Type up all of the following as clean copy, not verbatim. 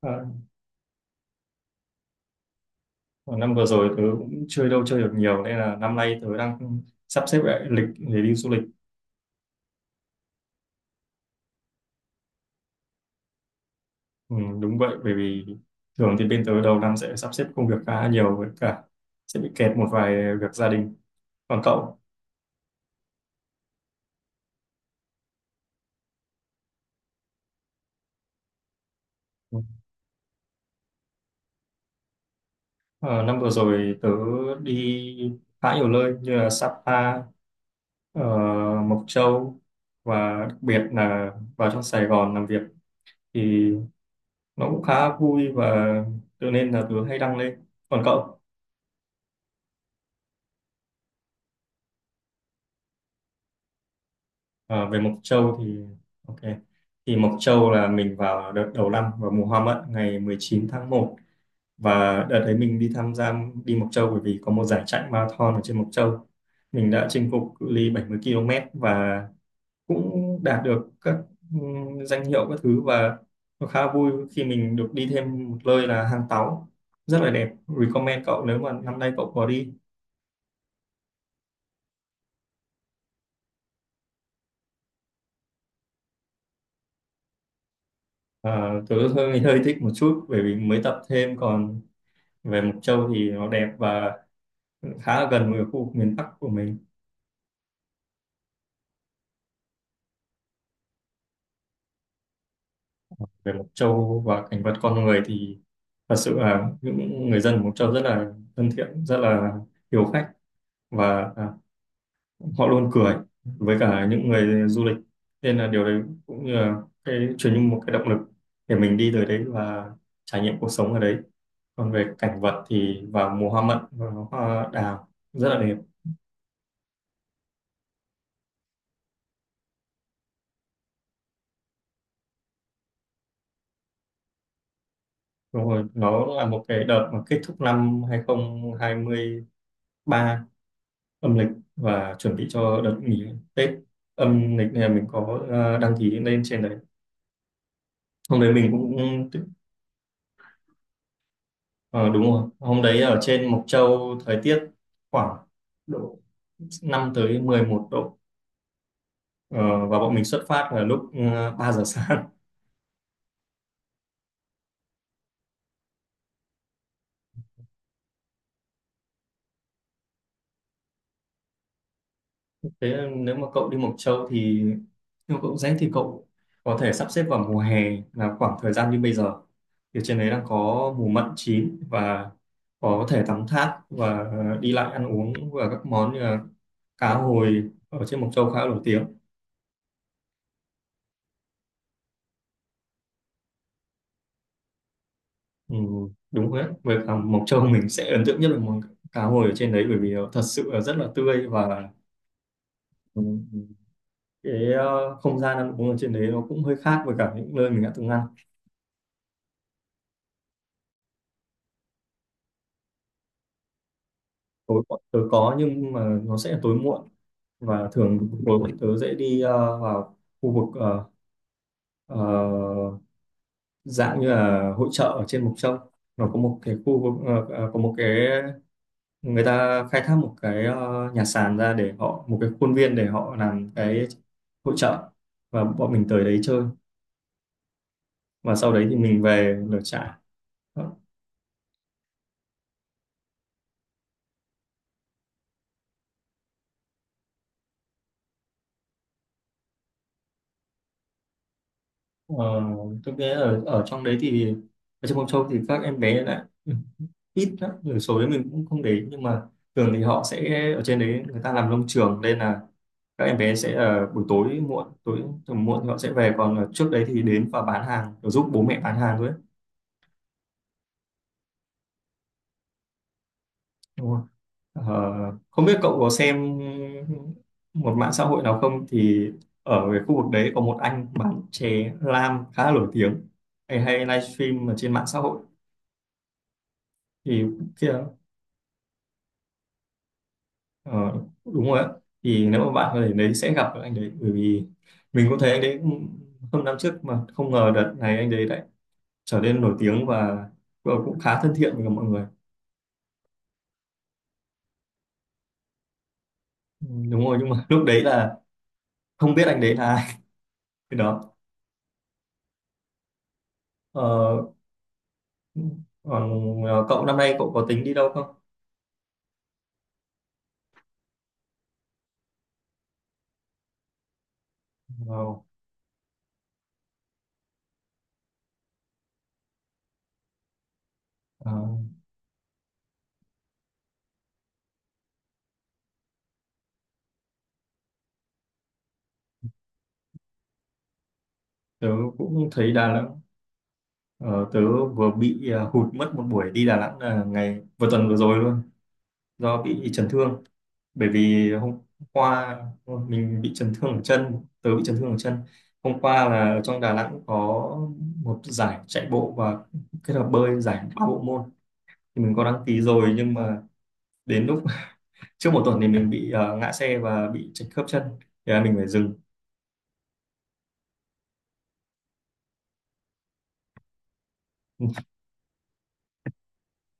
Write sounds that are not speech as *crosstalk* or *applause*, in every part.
Ờ, năm vừa rồi tớ cũng chơi đâu chơi được nhiều nên là năm nay tớ đang sắp xếp lại lịch để đi du lịch. Ừ, đúng vậy, bởi vì thường thì bên tớ đầu năm sẽ sắp xếp công việc khá nhiều, với cả sẽ bị kẹt một vài việc gia đình. Còn cậu? Ừ. ờ, Năm vừa rồi tớ đi khá nhiều nơi như là Sapa, ờ, Mộc Châu, và đặc biệt là vào trong Sài Gòn làm việc thì nó cũng khá vui, và tự nên là tớ hay đăng lên. Còn cậu? Ờ, Về Mộc Châu thì ok, thì Mộc Châu là mình vào đợt đầu năm, vào mùa hoa mận ngày 19 tháng 1. Và đợt đấy mình đi tham gia đi Mộc Châu bởi vì có một giải chạy marathon ở trên Mộc Châu. Mình đã chinh phục cự ly 70 km và cũng đạt được các danh hiệu các thứ. Và nó khá vui khi mình được đi thêm một nơi là Hang Táu, rất là đẹp. Recommend cậu nếu mà năm nay cậu có đi. Ờ, tớ hơi hơi thích một chút bởi vì mới tập thêm. Còn về Mộc Châu thì nó đẹp và khá là gần với khu vực miền Bắc của mình. Về Mộc Châu và cảnh vật con người thì thật sự là những người dân Mộc Châu rất là thân thiện, rất là hiếu khách, và họ luôn cười với cả những người du lịch, nên là điều đấy cũng như là cái truyền như một cái động lực để mình đi tới đấy và trải nghiệm cuộc sống ở đấy. Còn về cảnh vật thì vào mùa hoa mận và hoa đào rất là đẹp. Đúng rồi, nó là một cái đợt mà kết thúc năm 2020 3 âm lịch, và chuẩn bị cho đợt nghỉ Tết âm lịch này mình có đăng ký lên trên đấy. Hôm đấy mình cũng ờ, đúng rồi, hôm đấy ở trên Mộc Châu thời tiết khoảng độ 5 tới 11 độ. Ờ, và bọn mình xuất phát là lúc 3 giờ sáng. Thế là nếu mà cậu đi Mộc Châu thì nếu cậu rảnh thì cậu có thể sắp xếp vào mùa hè, là khoảng thời gian như bây giờ. Thì trên đấy đang có mùa mận chín và có thể tắm thác, và đi lại ăn uống, và các món như là cá hồi ở trên Mộc Châu khá nổi tiếng. Ừ, đúng rồi đấy. Với cả Mộc Châu mình sẽ ấn tượng nhất là món cá hồi ở trên đấy, bởi vì nó thật sự là rất là tươi, và ừ, cái không gian ăn uống ở trên đấy nó cũng hơi khác với cả những nơi mình đã từng ăn. Tối tớ có nhưng mà nó sẽ tối muộn, và thường tối muộn tớ dễ đi vào khu vực ờ, dạng như là hội chợ ở trên Mộc Châu. Nó có một cái khu vực có một cái, người ta khai thác một cái nhà sàn ra để họ một cái khuôn viên để họ làm cái hội chợ, và bọn mình tới đấy chơi. Và sau đấy thì mình về lửa trại. Ờ, tôi nghĩ ở ở trong đấy thì ở trên Mộc Châu thì các em bé lại ít lắm, người số đấy mình cũng không để ý, nhưng mà thường thì họ sẽ ở trên đấy người ta làm nông trường nên là các em bé sẽ ở buổi tối muộn tối tầm muộn thì họ sẽ về, còn ở trước đấy thì đến và bán hàng để giúp bố mẹ bán hàng thôi ấy. Đúng không? Ờ, không biết cậu có xem một mạng xã hội nào không, thì ở cái khu vực đấy có một anh bán chè lam khá là nổi tiếng, hay hay livestream ở trên mạng xã hội thì kia. Ờ, đúng rồi á, thì nếu mà bạn ở đấy sẽ gặp được anh đấy, bởi vì mình cũng thấy anh đấy hơn năm trước mà không ngờ đợt này anh đấy lại trở nên nổi tiếng, và cũng khá thân thiện với cả mọi người. Ừ, đúng rồi, nhưng mà lúc đấy là không biết anh đấy là ai. *laughs* Cái đó ờ, còn cậu năm nay cậu có tính đi đâu không? Wow. Ờ, tớ cũng thấy Đà Nẵng. Ờ, tớ vừa bị hụt mất một buổi đi Đà Nẵng là ngày vừa tuần vừa rồi luôn do bị chấn thương, bởi vì hôm qua mình bị chấn thương ở chân, tớ bị chấn thương ở chân hôm qua là ở trong Đà Nẵng có một giải chạy bộ và kết hợp bơi giải ba bộ môn, thì mình có đăng ký rồi, nhưng mà đến lúc *laughs* trước một tuần thì mình bị ngã xe và bị chật khớp chân thì là mình phải dừng.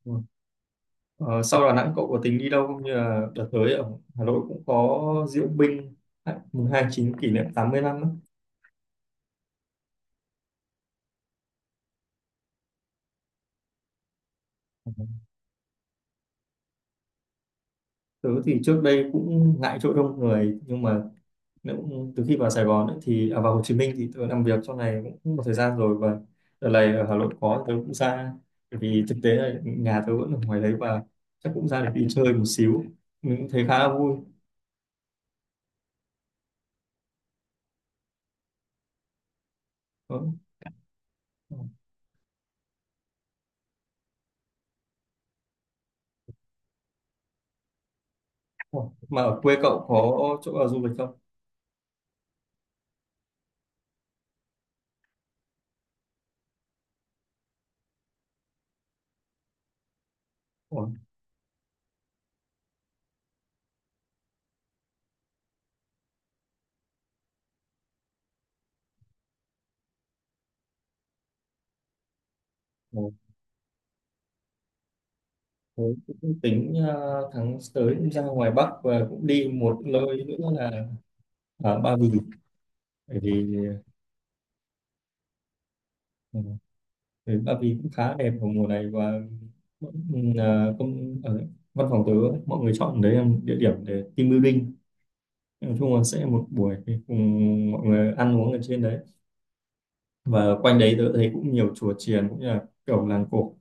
*laughs* Ờ, sau Đà Nẵng cậu có tính đi đâu không? Như là đợt tới ở Hà Nội cũng có diễu binh, à, mùng 29 kỷ niệm 80 năm á. Tớ thì trước đây cũng ngại chỗ đông người, nhưng mà từ khi vào Sài Gòn ấy, thì à, vào Hồ Chí Minh thì tôi làm việc trong này cũng một thời gian rồi, và đợt này ở Hà Nội có tôi cũng ra bởi vì thực tế là nhà tôi vẫn ở ngoài đấy, và chắc cũng ra để đi chơi một xíu, mình cũng thấy khá là vui. Đó. Ủa, mà ở quê cậu có chỗ nào du lịch không? Ủa, ủa, thế cũng tính tháng tới cũng ra ngoài Bắc và cũng đi một nơi nữa là ở Ba Vì, bởi vì ờ, ừ, Ba Vì cũng khá đẹp vào mùa này, và công ở văn phòng tớ mọi người chọn đấy là một địa điểm để team building. Nói chung là sẽ một buổi thì cùng mọi người ăn uống ở trên đấy, và quanh đấy tớ thấy cũng nhiều chùa chiền cũng như là kiểu làng cổ.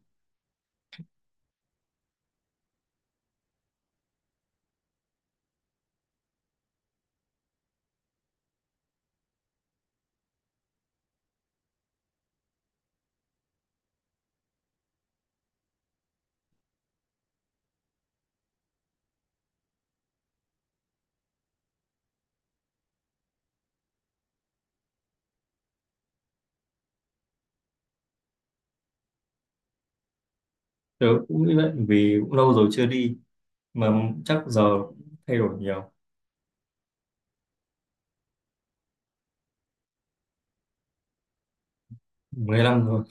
Tớ cũng nghĩ vậy vì cũng lâu rồi chưa đi, mà chắc giờ cũng thay đổi nhiều. 15 rồi.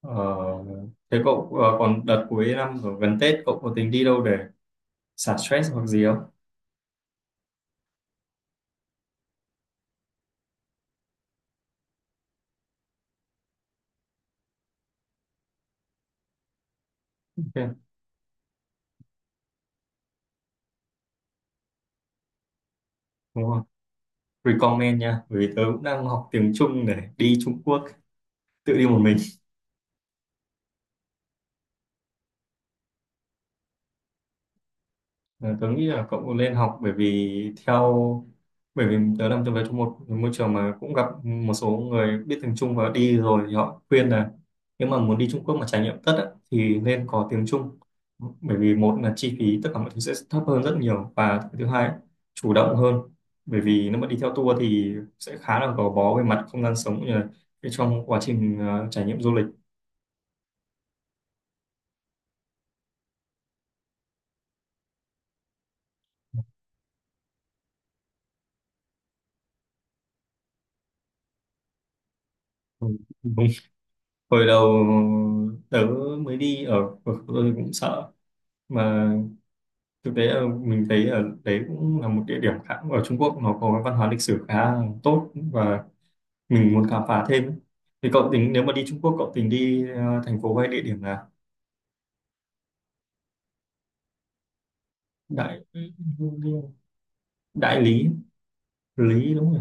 ờ, Thế cậu còn đợt cuối năm rồi gần Tết cậu có tính đi đâu để xả stress hoặc gì không? Ok. Đúng, recommend nha, bởi vì tớ cũng đang học tiếng Trung để đi Trung Quốc, tự đi một mình. Ờ, tớ nghĩ là cậu cũng nên học, bởi vì bởi vì tớ làm trong về trong một môi trường mà cũng gặp một số người biết tiếng Trung và đi rồi thì họ khuyên là nếu mà muốn đi Trung Quốc mà trải nghiệm tất á, thì nên có tiếng Trung. Bởi vì một là chi phí tất cả mọi thứ sẽ thấp hơn rất nhiều, và thứ hai ấy, chủ động hơn, bởi vì nếu mà đi theo tour thì sẽ khá là gò bó về mặt không gian sống cũng như là cái trong quá trình trải nghiệm du lịch. Ừ. Đúng, hồi đầu tớ mới đi ở ở tôi cũng sợ, mà thực tế là mình thấy ở đấy cũng là một địa điểm khá, ở Trung Quốc nó có văn hóa lịch sử khá tốt và mình muốn khám phá thêm. Thì cậu tính nếu mà đi Trung Quốc cậu tính đi thành phố hay địa điểm là Đại Đại Lý Lý đúng không nhỉ?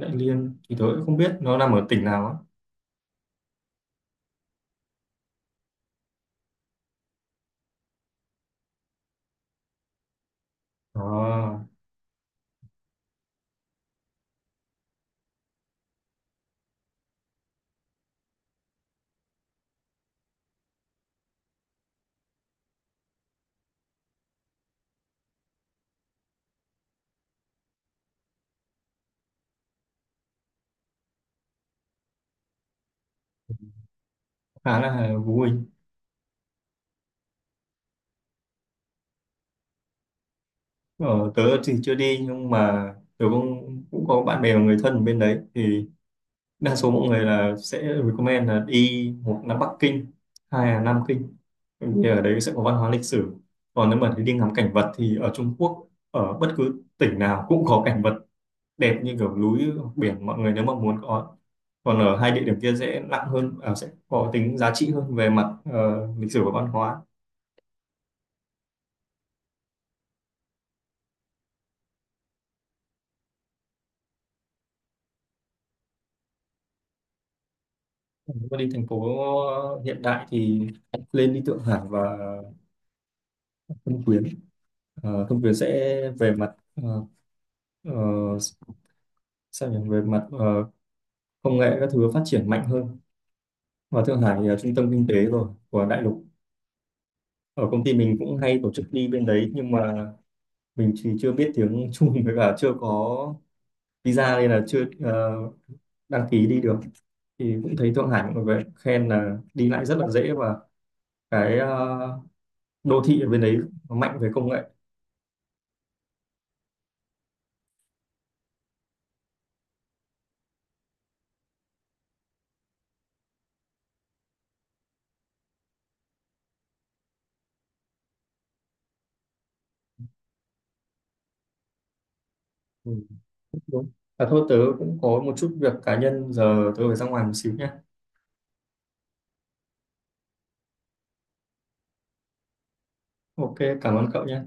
Đại Liên thì tớ cũng không biết nó nằm ở tỉnh nào á. Đó khá là vui. Ờ, Tớ thì chưa đi, nhưng mà tớ cũng cũng có bạn bè và người thân ở bên đấy thì đa số mọi người là sẽ recommend là đi, một là Bắc Kinh, hai là Nam Kinh. Bởi vì ở đấy sẽ có văn hóa lịch sử. Còn nếu mà đi ngắm cảnh vật thì ở Trung Quốc ở bất cứ tỉnh nào cũng có cảnh vật đẹp như kiểu núi, biển, mọi người nếu mà muốn có. Còn ở hai địa điểm kia sẽ nặng hơn, à, sẽ có tính giá trị hơn về mặt lịch sử và văn hóa. Còn nếu mà đi thành phố hiện đại thì lên đi Thượng Hải và Thâm Quyến. Ờ, Thâm Quyến sẽ về mặt ờ, sao nhỉ, về mặt công nghệ các thứ phát triển mạnh hơn, và Thượng Hải thì là trung tâm kinh tế rồi của đại lục. Ở công ty mình cũng hay tổ chức đi bên đấy, nhưng mà mình thì chưa biết tiếng *laughs* Trung, với cả chưa có visa nên là chưa đăng ký đi được. Thì cũng thấy Thượng Hải mọi người khen là đi lại rất là dễ, và cái đô thị ở bên đấy nó mạnh về công nghệ. Ừ, đúng. À thôi, tớ cũng có một chút việc cá nhân, giờ tớ phải ra ngoài một xíu nhé. Ok, cảm ơn cậu nhé.